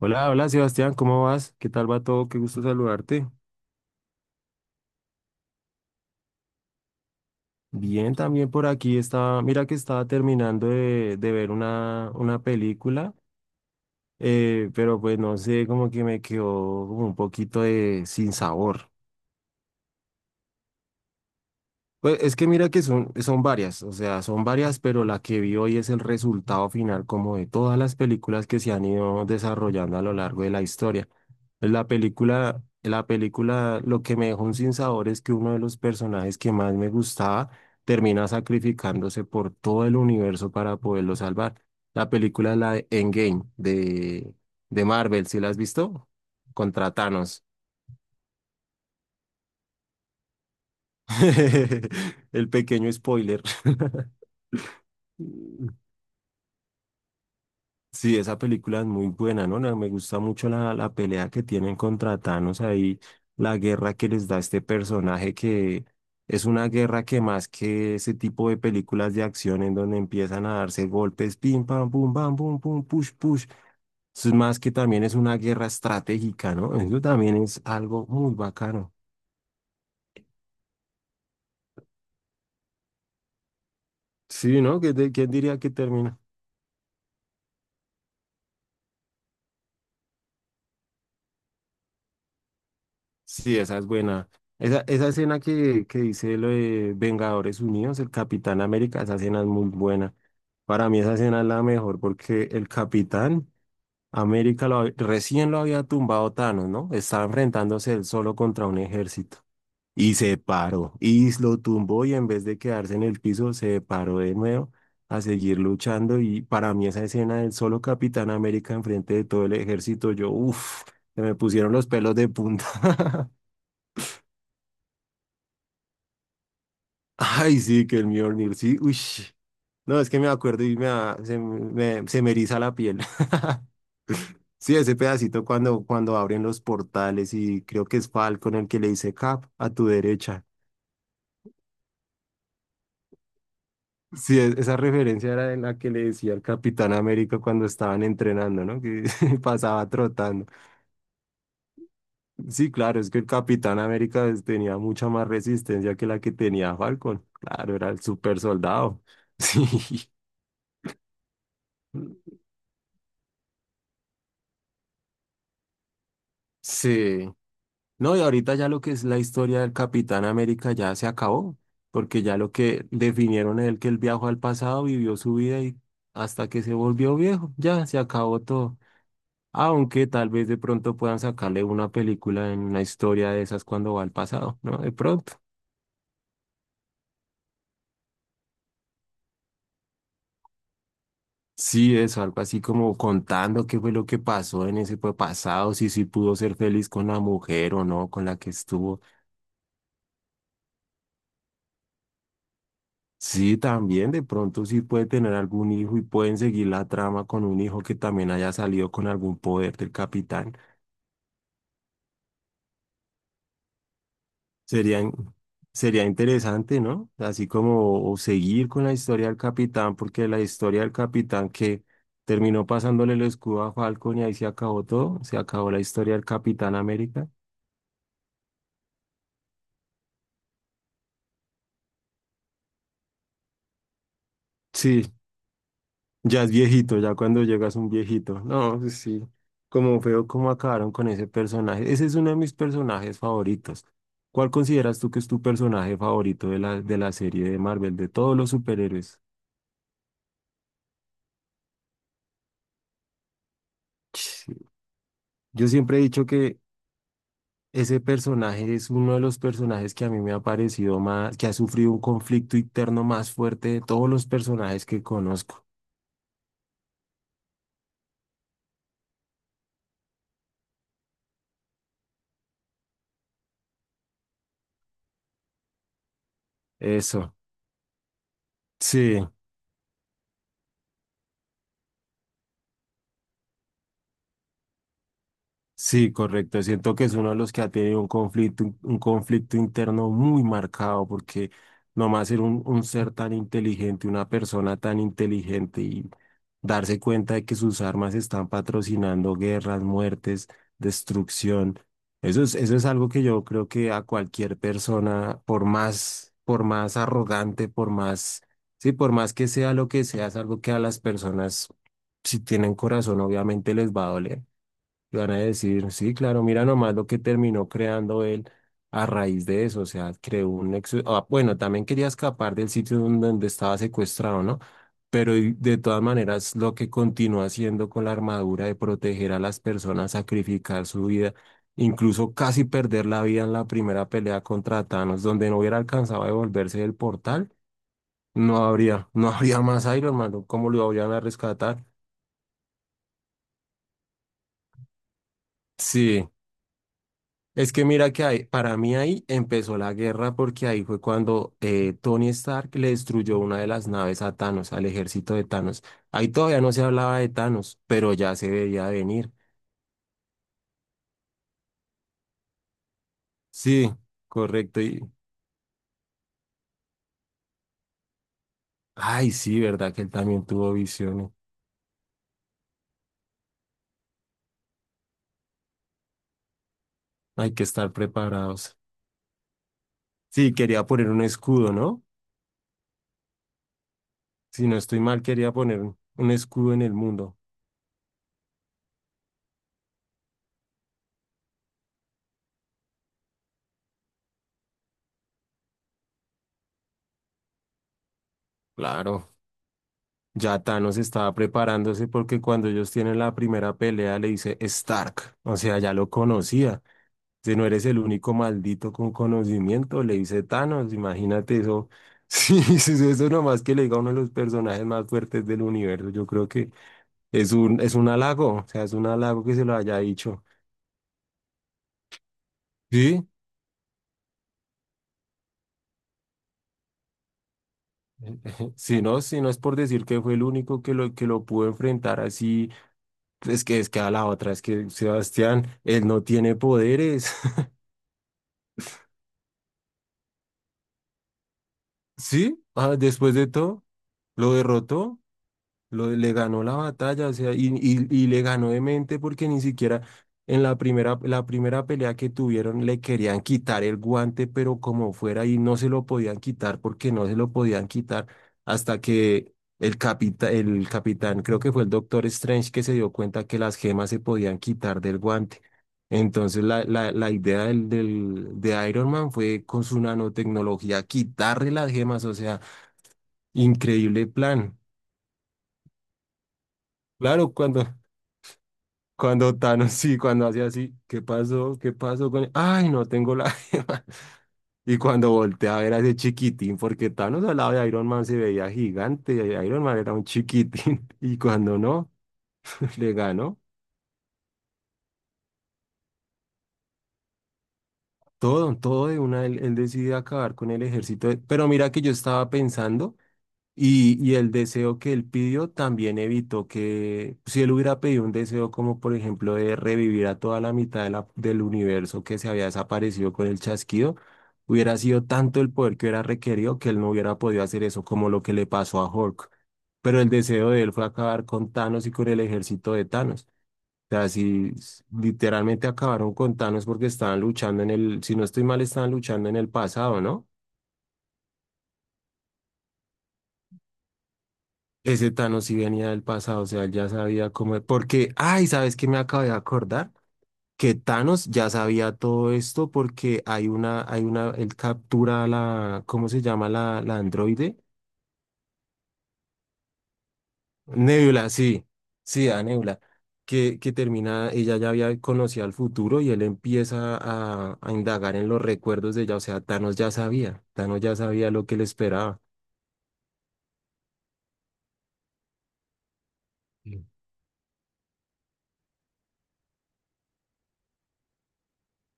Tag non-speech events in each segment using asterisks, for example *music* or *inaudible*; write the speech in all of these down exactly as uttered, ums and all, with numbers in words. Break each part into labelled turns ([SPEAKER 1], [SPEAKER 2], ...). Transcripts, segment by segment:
[SPEAKER 1] Hola, hola Sebastián, ¿cómo vas? ¿Qué tal va todo? Qué gusto saludarte. Bien, también por aquí estaba, mira que estaba terminando de, de ver una, una película, eh, pero pues no sé, como que me quedó como un poquito de sin sabor. Pues es que mira que son, son varias, o sea, son varias, pero la que vi hoy es el resultado final como de todas las películas que se han ido desarrollando a lo largo de la historia. Pues La película, la película, lo que me dejó un sinsabor es que uno de los personajes que más me gustaba termina sacrificándose por todo el universo para poderlo salvar. La película es la de Endgame de, de Marvel, ¿sí la has visto? Contra Thanos. *laughs* El pequeño spoiler. *laughs* Sí, esa película es muy buena, ¿no? La- Me gusta mucho la, la pelea que tienen contra Thanos ahí, la guerra que les da este personaje que es una guerra que más que ese tipo de películas de acción en donde empiezan a darse golpes, pim, pam, pum, pam, pum, pum, push, push. Eso es más que también es una guerra estratégica, ¿no? Eso también es algo muy bacano. Sí, ¿no? ¿Qué te- ¿Quién diría que termina? Sí, esa es buena. Esa, esa escena que, que dice lo de Vengadores Unidos, el Capitán América, esa escena es muy buena. Para mí esa escena es la mejor porque el Capitán América lo hab- recién lo había tumbado Thanos, ¿no? Estaba enfrentándose él solo contra un ejército. Y se paró, y lo tumbó y en vez de quedarse en el piso, se paró de nuevo a seguir luchando. Y para mí esa escena del solo Capitán América enfrente de todo el ejército, yo, uff, se me pusieron los pelos de punta. *laughs* Ay, sí, que el Mjolnir, sí, uy. No, es que me acuerdo y me, da- se, me, se me eriza la piel. *laughs* Sí, ese pedacito cuando, cuando abren los portales y creo que es Falcon el que le dice Cap a tu derecha. Sí, e- esa referencia era en la que le decía al Capitán América cuando estaban entrenando, ¿no? Que *laughs* pasaba trotando. Sí, claro, es que el Capitán América pues, tenía mucha más resistencia que la que tenía Falcon. Claro, era el super soldado. *laughs* Sí. Sí. No, y ahorita ya lo que es la historia del Capitán América ya se acabó, porque ya lo que definieron es el que él viajó al pasado, vivió su vida y hasta que se volvió viejo, ya se acabó todo. Aunque tal vez de pronto puedan sacarle una película en una historia de esas cuando va al pasado, ¿no? De pronto. Sí, eso, algo así como contando qué fue lo que pasó en ese pues, pasado, si sí pudo ser feliz con la mujer o no, con la que estuvo. Sí, también de pronto sí puede tener algún hijo y pueden seguir la trama con un hijo que también haya salido con algún poder del capitán. Sería, in- sería interesante, ¿no? Así como o seguir con la historia del capitán, porque la historia del capitán que terminó pasándole el escudo a Falcon y ahí se acabó todo, se acabó la historia del Capitán América. Sí, ya es viejito, ya cuando llegas un viejito. No, pues sí. Como feo cómo acabaron con ese personaje. Ese es uno de mis personajes favoritos. ¿Cuál consideras tú que es tu personaje favorito de la, de la serie de Marvel, de todos los superhéroes? Sí. Yo siempre he dicho que ese personaje es uno de los personajes que a mí me ha parecido más, que ha sufrido un conflicto interno más fuerte de todos los personajes que conozco. Eso. Sí. Sí, correcto. Siento que es uno de los que ha tenido un conflicto, un conflicto interno muy marcado, porque nomás ser un, un ser tan inteligente, una persona tan inteligente y darse cuenta de que sus armas están patrocinando guerras, muertes, destrucción. Eso es, eso es algo que yo creo que a cualquier persona, por más, por más arrogante, por más, sí, por más que sea lo que sea, es algo que a las personas, si tienen corazón, obviamente les va a doler. Y van a decir, sí, claro, mira nomás lo que terminó creando él a raíz de eso, o sea, creó un nexo, ah, bueno, también quería escapar del sitio donde donde estaba secuestrado, ¿no? Pero y- de todas maneras, lo que continúa haciendo con la armadura de proteger a las personas, sacrificar su vida, incluso casi perder la vida en la primera pelea contra Thanos, donde no hubiera alcanzado a devolverse del portal, no habría, no habría más Iron Man, ¿no? ¿Cómo lo iban a rescatar? Sí. Es que mira que ahí- para mí ahí empezó la guerra porque ahí fue cuando eh, Tony Stark le destruyó una de las naves a Thanos, al ejército de Thanos. Ahí todavía no se hablaba de Thanos, pero ya se veía venir. Sí, correcto. Y, ay, sí, verdad que él también tuvo visiones. Hay que estar preparados. Sí, quería poner un escudo, ¿no? Si no estoy mal, quería poner un un escudo en el mundo. Claro. Ya Thanos estaba preparándose porque cuando ellos tienen la primera pelea le dice Stark, o sea, ya lo conocía. Si no eres el único maldito con conocimiento, le dice Thanos, imagínate eso. *laughs* Sí, sí, sí, eso nomás que le diga uno de los personajes más fuertes del universo, yo creo que es un, es un halago, o sea, es un halago que se lo haya dicho. Sí, *laughs* si no, si no es por decir que fue el único que lo, que lo pudo enfrentar así. Pues es que es que a la otra, es que Sebastián, él no tiene poderes. Sí, ah, después de todo, lo derrotó. Lo, le ganó la batalla, o sea, y, y- y le ganó de mente porque ni siquiera en la primera, la primera pelea que tuvieron le querían quitar el guante, pero como fuera, y no se lo podían quitar porque no se lo podían quitar hasta que el capita, el capitán, creo que fue el Doctor Strange, que se dio cuenta que las gemas se podían quitar del guante. Entonces la, la, la idea del, del, de Iron Man fue con su nanotecnología quitarle las gemas, o sea, increíble plan. Claro, cuando... Cuando Thanos, sí, cuando hacía así, ¿qué pasó? ¿Qué pasó con él? Ay, no tengo la gema. *laughs* Y cuando volteé a ver a ese chiquitín, porque Thanos al lado de Iron Man se veía gigante, y Iron Man era un chiquitín. *laughs* Y cuando no, *laughs* le ganó todo, todo de una, él, él decide acabar con el ejército. de- Pero mira que yo estaba pensando. Y, y el deseo que él pidió también evitó que, si él hubiera pedido un deseo como por ejemplo de revivir a toda la mitad de la- del universo que se había desaparecido con el chasquido, hubiera sido tanto el poder que hubiera requerido que él no hubiera podido hacer eso como lo que le pasó a Hulk. Pero el deseo de él fue acabar con Thanos y con el ejército de Thanos. O sea, si s- literalmente acabaron con Thanos porque estaban luchando en el, si no estoy mal, estaban luchando en el pasado, ¿no? Ese Thanos sí venía del pasado, o sea, él ya sabía cómo. Porque, ay, ¿sabes qué me acabo de acordar? Que Thanos ya sabía todo esto porque hay una, hay una, él captura a la, ¿cómo se llama la, la androide? Nebula, sí, sí, a Nebula, que, que termina, ella ya había conocido el futuro y él empieza a, a indagar en los recuerdos de ella, o sea, Thanos ya sabía, Thanos ya sabía lo que le esperaba. Sí.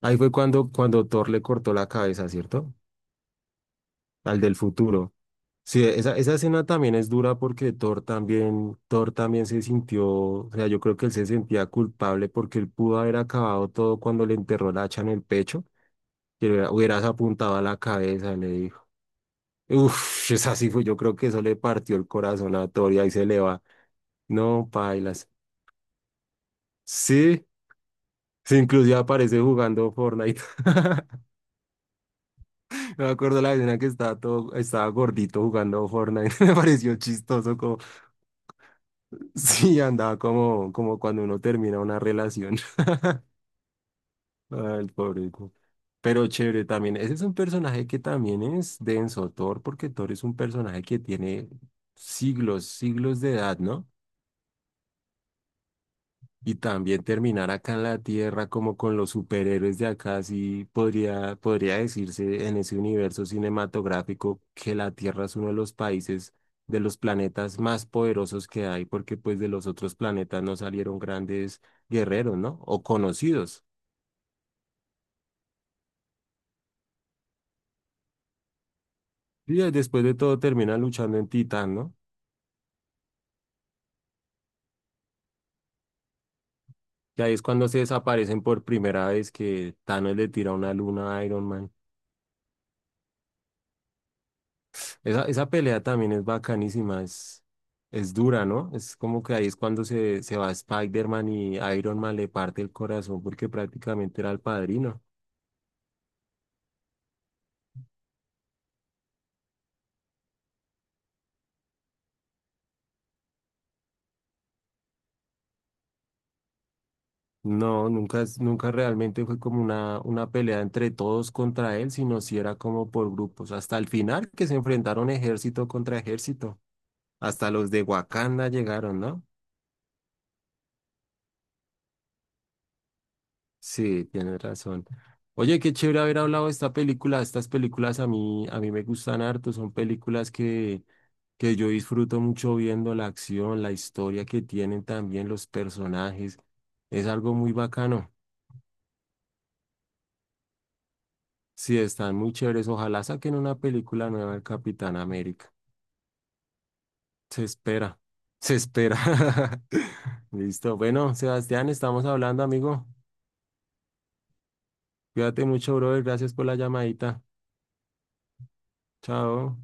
[SPEAKER 1] Ahí fue cuando, cuando Thor le cortó la cabeza, ¿cierto? Al del futuro. Sí, esa, esa escena también es dura porque Thor también, Thor también se sintió, o sea, yo creo que él se sentía culpable porque él pudo haber acabado todo cuando le enterró la hacha en el pecho, que le hubiera- hubieras apuntado a la cabeza, le dijo. Uf, *laughs* es así fue, yo creo que eso le partió el corazón a Thor y ahí se le va. No, pailas. Sí, sí, inclusive aparece jugando Fortnite. *laughs* Me acuerdo la escena que estaba todo, estaba gordito jugando Fortnite, *laughs* me pareció chistoso como *laughs* sí, andaba como, como cuando uno termina una relación. *laughs* Ay, el pobre. cu- Pero chévere también. Ese es un personaje que también es denso, Thor, porque Thor es un personaje que tiene siglos, siglos de edad, ¿no? Y también terminar acá en la Tierra como con los superhéroes de acá, sí podría, podría decirse en ese universo cinematográfico que la Tierra es uno de los países, de los planetas más poderosos que hay, porque pues de los otros planetas no salieron grandes guerreros, ¿no? O conocidos. Y de- después de todo terminan luchando en Titán, ¿no? Y ahí es cuando se desaparecen por primera vez que Thanos le tira una luna a Iron Man. Esa, esa pelea también es bacanísima, es, es dura, ¿no? Es como que ahí es cuando se, se va Spider-Man y Iron Man le parte el corazón porque prácticamente era el padrino. No, nunca, es- nunca realmente fue como una, una pelea entre todos contra él, sino si era como por grupos. Hasta el final que se enfrentaron ejército contra ejército. Hasta los de Wakanda llegaron, ¿no? Sí, tienes razón. Oye, qué chévere haber hablado de esta película. Estas películas a mí, a mí me gustan harto. Son películas que que yo disfruto mucho viendo la acción, la historia que tienen también los personajes. Es algo muy bacano. Sí, están muy chéveres. Ojalá saquen una película nueva del Capitán América. Se espera, se espera. *laughs* Listo. Bueno, Sebastián, estamos hablando, amigo. Cuídate mucho, brother. Gracias por la llamadita. Chao.